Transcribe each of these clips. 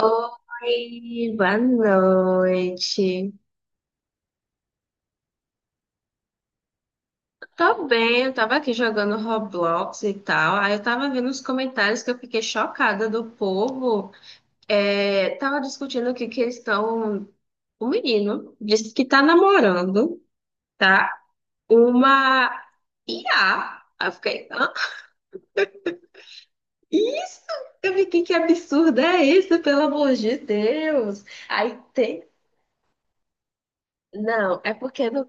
Oi, boa noite. Tô bem, eu tava aqui jogando Roblox e tal. Aí eu tava vendo os comentários que eu fiquei chocada do povo. É, tava discutindo que eles estão. O menino disse que tá namorando, tá? Uma IA. Aí eu fiquei, hã? Isso! Eu fiquei, que absurdo é isso, pelo amor de Deus! Aí tem. Não, é porque no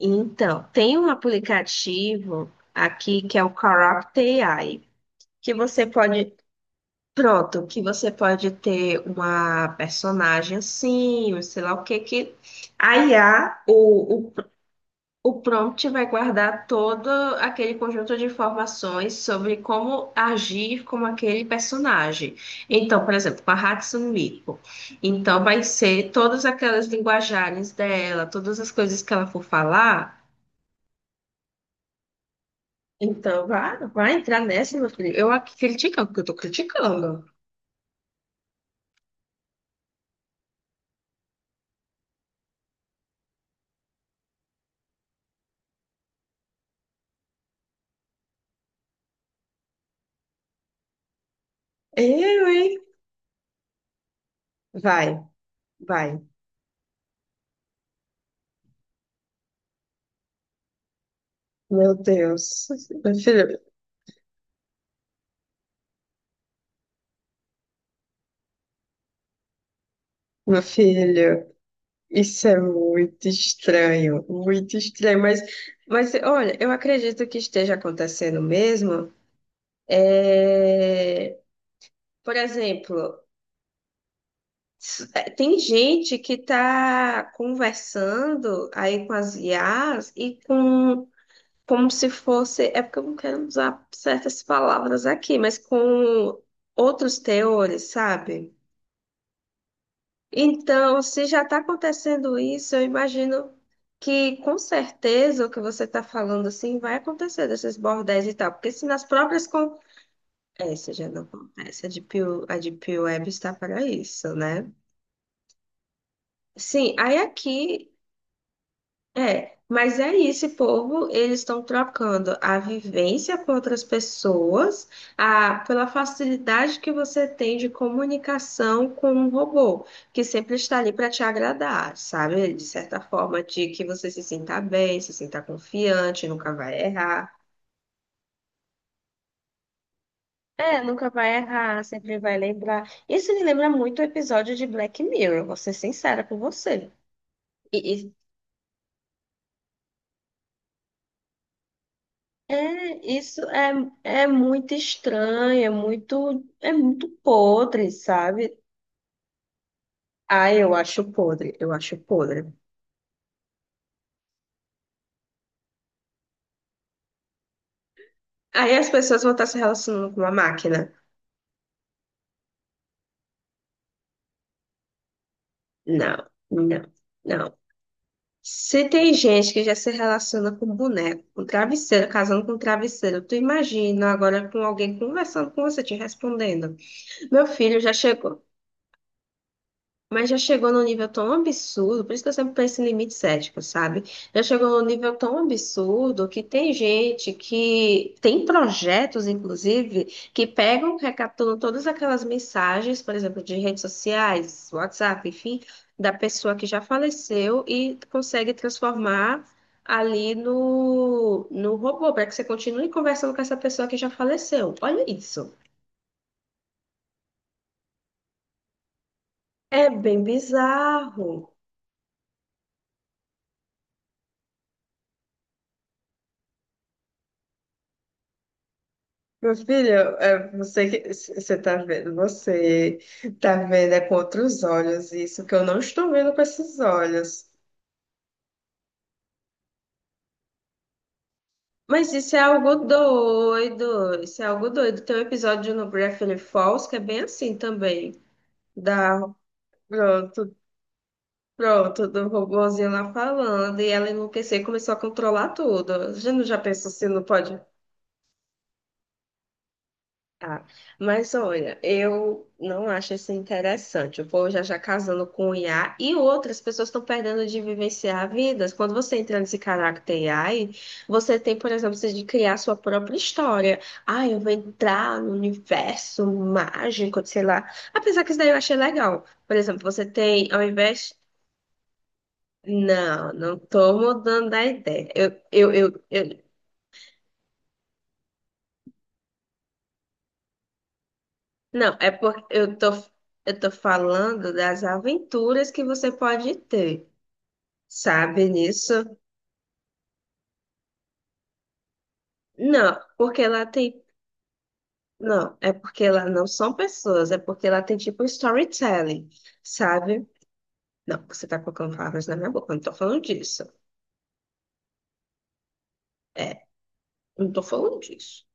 Então, tem um aplicativo aqui que é o Corrupt AI, que você pode, pronto, que você pode ter uma personagem assim, ou sei lá o que que a IA, o prompt vai guardar todo aquele conjunto de informações sobre como agir com aquele personagem. Então, por exemplo, com a Hatsune Miku, então vai ser todas aquelas linguajagens dela, todas as coisas que ela for falar. Então, vai entrar nessa, meu filho. Eu aqui criticando, porque eu tô criticando. Eu, hein? Vai, vai. Meu Deus. Meu filho, meu filho, isso é muito estranho, muito estranho. Mas olha, eu acredito que esteja acontecendo mesmo. É, por exemplo, é, tem gente que está conversando aí com as IAs e com como se fosse, é porque eu não quero usar certas palavras aqui, mas com outros teores, sabe? Então, se já está acontecendo isso, eu imagino que com certeza o que você está falando assim vai acontecer desses bordéis e tal, porque se nas próprias essa já não acontece, a Deep Web está para isso, né? Sim, aí aqui é, mas é isso, esse povo, eles estão trocando a vivência com outras pessoas, a, pela facilidade que você tem de comunicação com um robô, que sempre está ali para te agradar, sabe? De certa forma, de que você se sinta bem, se sinta confiante, nunca vai errar. É, nunca vai errar, sempre vai lembrar. Isso me lembra muito o episódio de Black Mirror, vou ser sincera com você. E, é, isso é, é muito estranho, é muito podre, sabe? Ah, eu acho podre, eu acho podre. Aí as pessoas vão estar se relacionando com uma máquina? Não, não, não. Se tem gente que já se relaciona com boneco, com travesseiro, casando com travesseiro, tu imagina agora com alguém conversando com você, te respondendo. Meu filho já chegou. Mas já chegou num nível tão absurdo, por isso que eu sempre penso em limites éticos, sabe? Já chegou num nível tão absurdo que tem gente que tem projetos, inclusive, que pegam, recapturam todas aquelas mensagens, por exemplo, de redes sociais, WhatsApp, enfim, da pessoa que já faleceu e consegue transformar ali no robô, para que você continue conversando com essa pessoa que já faleceu. Olha isso. É bem bizarro. Meu filho, é, você que você tá vendo é com outros olhos isso que eu não estou vendo com esses olhos. Mas isso é algo doido, isso é algo doido. Tem um episódio no Gravity Falls que é bem assim também, da pronto, pronto, do robozinho lá falando e ela enlouqueceu e começou a controlar tudo. Já não já pensou se não pode? Ah, mas olha, eu não acho isso interessante. O povo já casando com IA e outras pessoas estão perdendo de vivenciar vidas. Quando você entra nesse caráter AI, você tem, por exemplo, você de criar sua própria história. Ah, eu vou entrar no universo mágico, sei lá. Apesar que isso daí eu achei legal. Por exemplo, você tem, ao invés. Não, não tô mudando a ideia. Eu, não, é porque eu tô falando das aventuras que você pode ter, sabe nisso? Não, porque lá tem. Não, é porque lá não são pessoas, é porque lá tem tipo storytelling, sabe? Não, você tá colocando palavras na minha boca, eu não tô falando disso. É, eu não tô falando disso.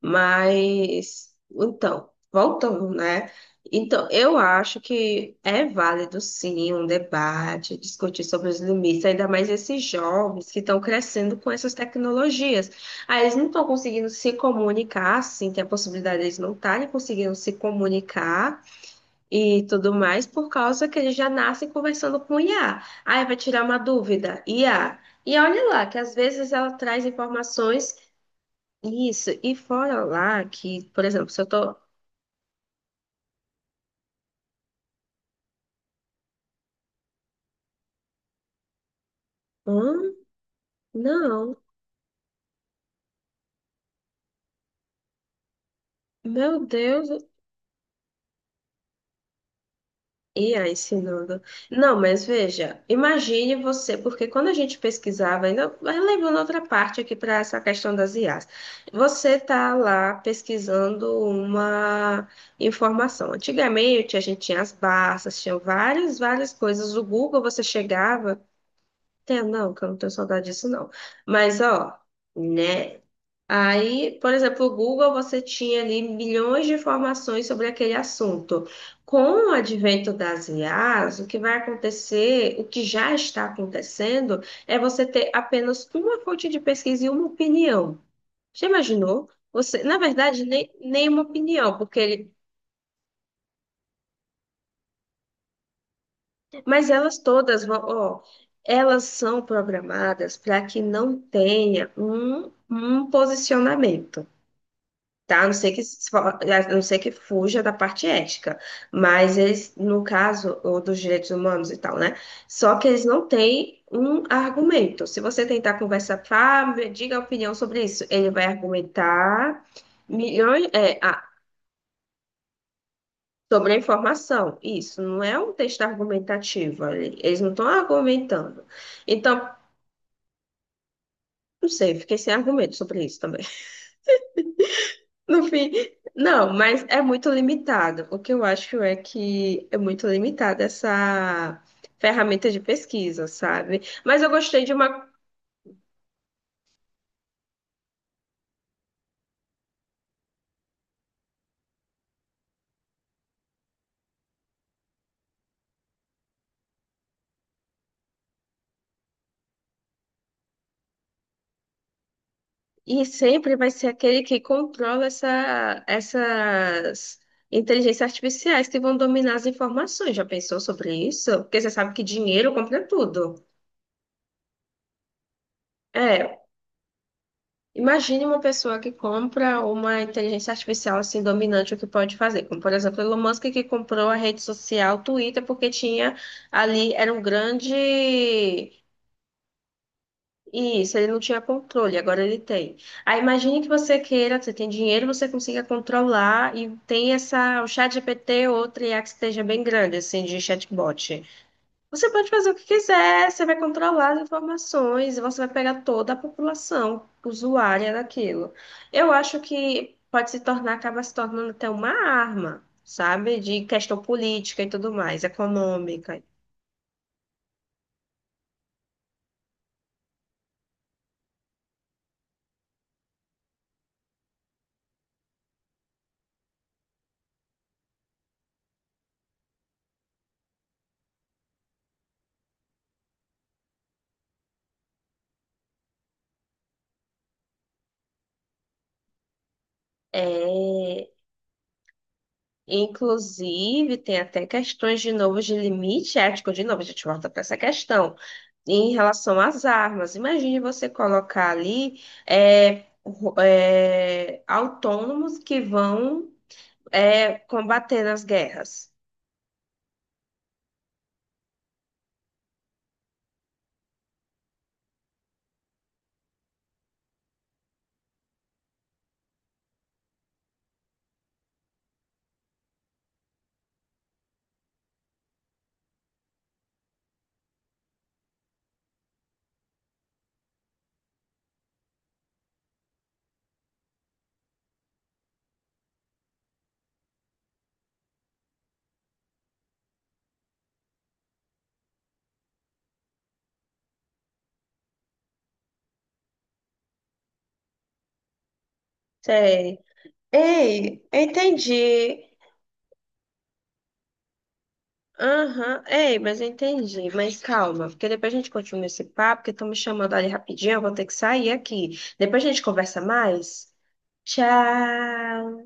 Mas, então, voltando, né? Então, eu acho que é válido, sim, um debate, discutir sobre os limites, ainda mais esses jovens que estão crescendo com essas tecnologias. Aí eles não estão conseguindo se comunicar, sim, tem a possibilidade de eles não estarem conseguindo se comunicar e tudo mais, por causa que eles já nascem conversando com IA. Aí vai tirar uma dúvida, IA. E olha lá, que às vezes ela traz informações isso, e fora lá que, por exemplo, se eu tô. Hum? Não, meu Deus. E aí, ensinando. Não, mas veja, imagine você, porque quando a gente pesquisava, ainda vai levando outra parte aqui para essa questão das IAs. Você tá lá pesquisando uma informação. Antigamente a gente tinha as barças, tinha várias coisas. O Google você chegava, tem, não, que eu não tenho saudade disso, não. Mas ó. Né? Aí, por exemplo, o Google você tinha ali milhões de informações sobre aquele assunto. Com o advento das IAs, o que vai acontecer, o que já está acontecendo, é você ter apenas uma fonte de pesquisa e uma opinião. Já imaginou? Você, na verdade, nem uma opinião, porque ele, mas elas todas vão, ó, elas são programadas para que não tenha um posicionamento. Tá? A não ser que, se for- a não ser que fuja da parte ética, mas eles, no caso, ou dos direitos humanos e tal, né? Só que eles não têm um argumento. Se você tentar conversar, ah, me diga a opinião sobre isso, ele vai argumentar milhões, é, ah, sobre a informação. Isso não é um texto argumentativo, eles não estão argumentando. Então, não sei, fiquei sem argumento sobre isso também. No fim, não, mas é muito limitado. O que eu acho é que é muito limitada essa ferramenta de pesquisa, sabe? Mas eu gostei de uma. E sempre vai ser aquele que controla essas inteligências artificiais que vão dominar as informações. Já pensou sobre isso? Porque você sabe que dinheiro compra tudo. É, imagine uma pessoa que compra uma inteligência artificial assim dominante, o que pode fazer. Como, por exemplo, Elon Musk que comprou a rede social Twitter porque tinha ali, era um grande. Isso, ele não tinha controle, agora ele tem. Aí imagine que você queira, você tem dinheiro, você consiga controlar e tem essa, o chat GPT ou outra IA que esteja bem grande, assim, de chatbot. Você pode fazer o que quiser, você vai controlar as informações, e você vai pegar toda a população usuária daquilo. Eu acho que pode se tornar, acaba se tornando até uma arma, sabe? De questão política e tudo mais, econômica. É, inclusive, tem até questões de novo de limite ético, de novo, a gente volta para essa questão. Em relação às armas, imagine você colocar ali é, autônomos que vão É combater as guerras. Sei. Ei, entendi. Aham, ei, mas eu entendi. Mas calma, porque depois a gente continua esse papo, porque estão me chamando ali rapidinho, eu vou ter que sair aqui. Depois a gente conversa mais. Tchau.